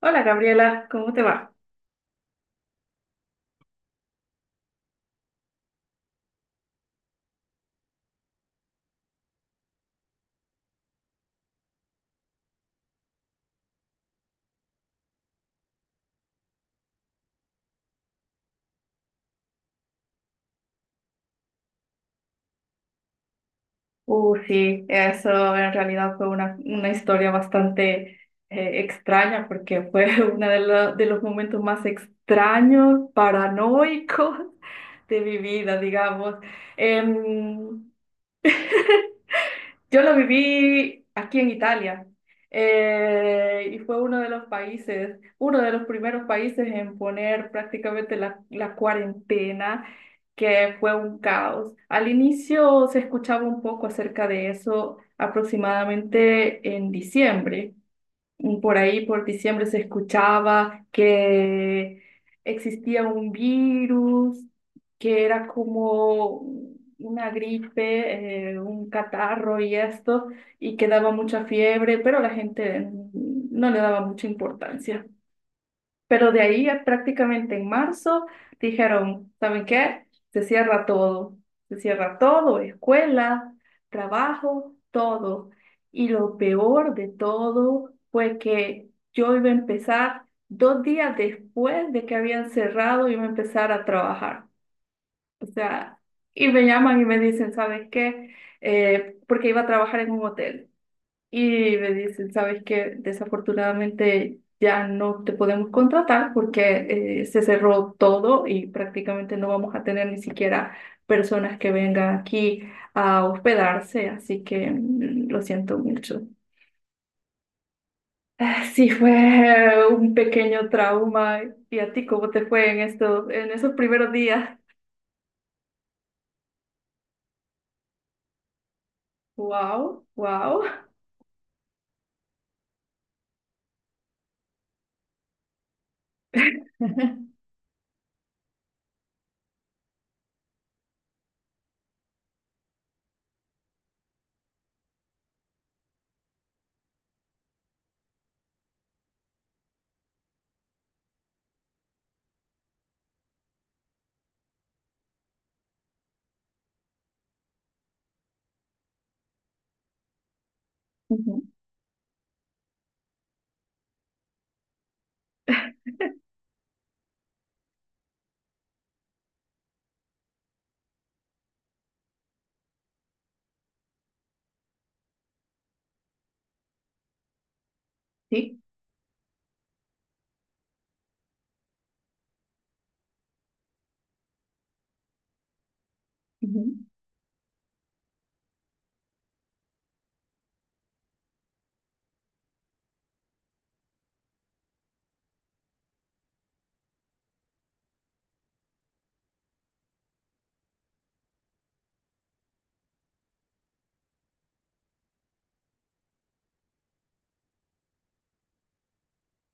Hola Gabriela, ¿cómo te va? Sí, eso en realidad fue una historia bastante extraña porque fue de los momentos más extraños, paranoicos de mi vida, digamos. Em, Yo lo viví aquí en Italia, y fue uno de los países, uno de los primeros países en poner prácticamente la cuarentena, que fue un caos. Al inicio se escuchaba un poco acerca de eso aproximadamente en diciembre, por ahí por diciembre se escuchaba que existía un virus, que era como una gripe, un catarro y esto, y que daba mucha fiebre, pero la gente no le daba mucha importancia. Pero de ahí, prácticamente en marzo dijeron, ¿saben qué? Se cierra todo, se cierra todo, escuela, trabajo, todo. Y lo peor de todo fue que yo iba a empezar dos días después de que habían cerrado, iba a empezar a trabajar. O sea, y me llaman y me dicen, ¿sabes qué? Porque iba a trabajar en un hotel. Y me dicen, ¿sabes qué? Desafortunadamente ya no te podemos contratar porque se cerró todo y prácticamente no vamos a tener ni siquiera personas que vengan aquí a hospedarse, así que mm, lo siento mucho. Ah, sí, fue un pequeño trauma. ¿Y a ti cómo te fue en estos, en esos primeros días? Wow, wow. Ujú. Sí, ujú,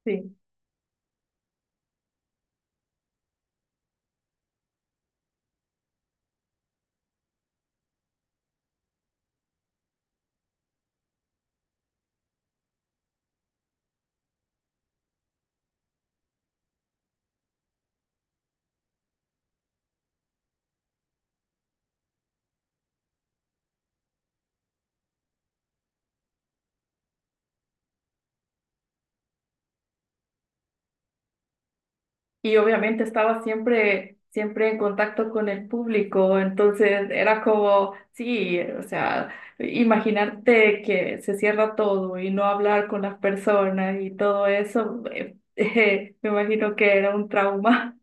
sí. Y obviamente estaba siempre, siempre en contacto con el público, entonces era como, sí, o sea, imaginarte que se cierra todo y no hablar con las personas y todo eso, me imagino que era un trauma.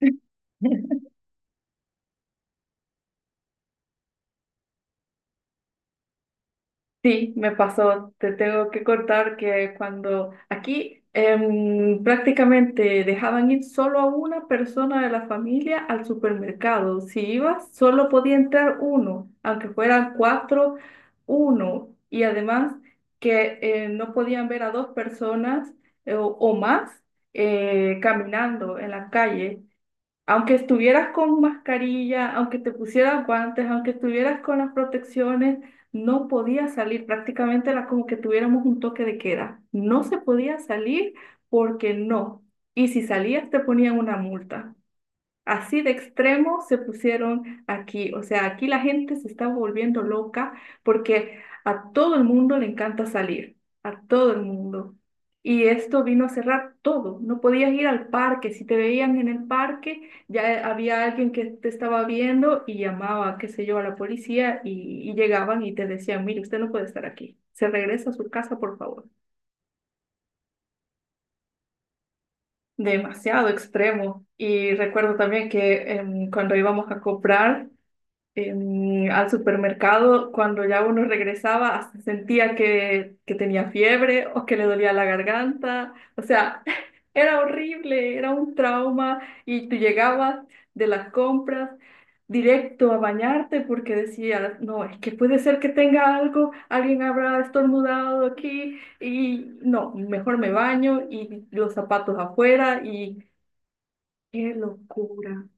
Sí, me pasó. Te tengo que cortar que cuando aquí prácticamente dejaban ir solo a una persona de la familia al supermercado. Si ibas, solo podía entrar uno, aunque fueran cuatro, uno. Y además que no podían ver a dos personas o más, caminando en la calle. Aunque estuvieras con mascarilla, aunque te pusieras guantes, aunque estuvieras con las protecciones, no podías salir. Prácticamente era como que tuviéramos un toque de queda. No se podía salir porque no. Y si salías te ponían una multa. Así de extremo se pusieron aquí. O sea, aquí la gente se está volviendo loca porque a todo el mundo le encanta salir, a todo el mundo. Y esto vino a cerrar todo. No podías ir al parque. Si te veían en el parque, ya había alguien que te estaba viendo y llamaba, qué sé yo, a la policía, y llegaban y te decían, mire, usted no puede estar aquí. Se regresa a su casa, por favor. Demasiado extremo. Y recuerdo también que cuando íbamos a comprar, al supermercado, cuando ya uno regresaba, hasta sentía que tenía fiebre o que le dolía la garganta. O sea, era horrible, era un trauma y tú llegabas de las compras directo a bañarte porque decías, no, es que puede ser que tenga algo, alguien habrá estornudado aquí y no, mejor me baño y los zapatos afuera y qué locura.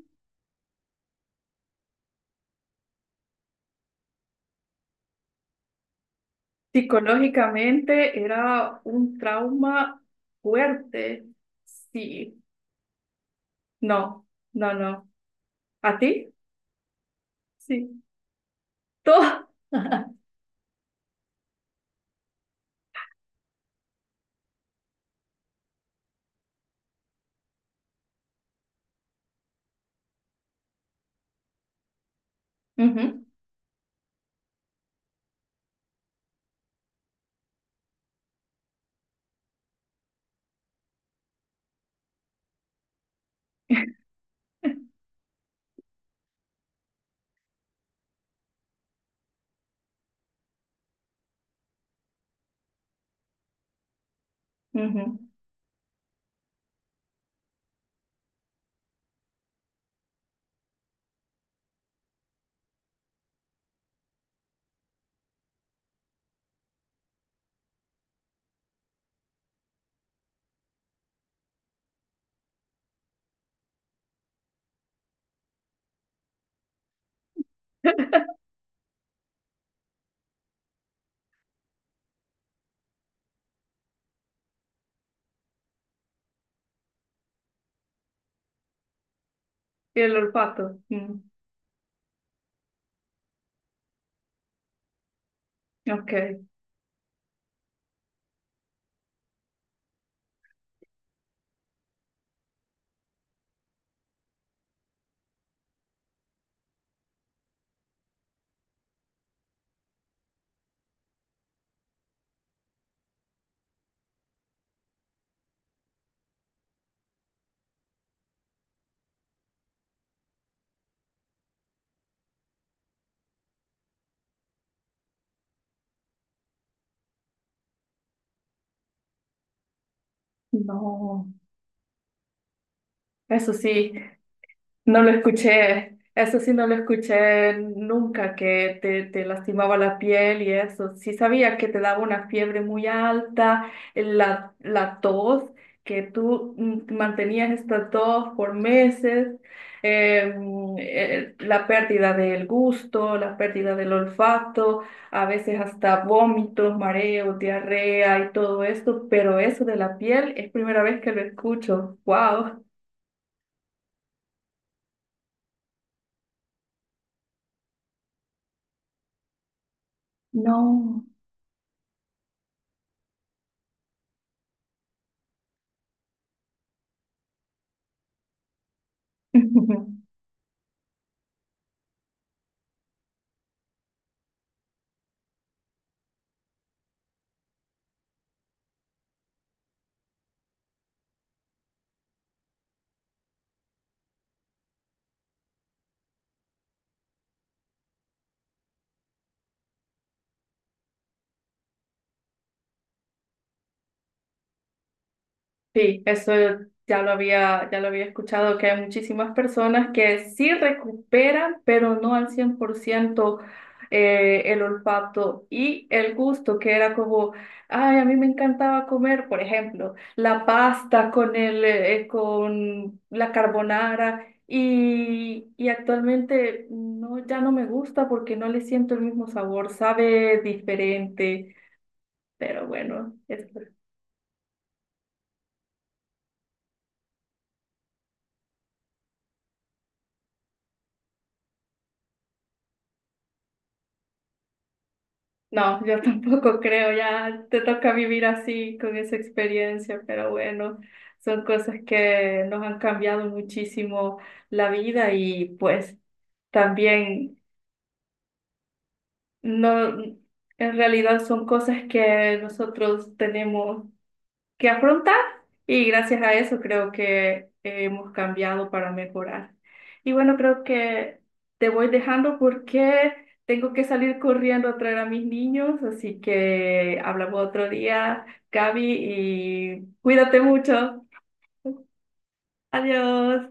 Psicológicamente era un trauma fuerte. Sí, no, no, no. ¿A ti? Sí. Todo. Ujú, ujú. Y el olfato. Mm, ok. No, eso sí. No lo escuché, eso sí no lo escuché nunca, que te lastimaba la piel y eso. Sí sabía que te daba una fiebre muy alta, la tos, que tú mm, mantenías esta tos por meses, la pérdida del gusto, la pérdida del olfato, a veces hasta vómitos, mareos, diarrea y todo esto, pero eso de la piel es primera vez que lo escucho. ¡Wow! No. Sí, eso ya lo había escuchado, que hay muchísimas personas que sí recuperan, pero no al 100% el olfato y el gusto, que era como, ay, a mí me encantaba comer, por ejemplo, la pasta con con la carbonara y actualmente no, ya no me gusta porque no le siento el mismo sabor, sabe diferente, pero bueno, es... No, yo tampoco creo, ya te toca vivir así con esa experiencia, pero bueno, son cosas que nos han cambiado muchísimo la vida y pues también no, en realidad son cosas que nosotros tenemos que afrontar y gracias a eso creo que hemos cambiado para mejorar. Y bueno, creo que te voy dejando porque tengo que salir corriendo a traer a mis niños, así que hablamos otro día, Gaby, y cuídate mucho. Adiós.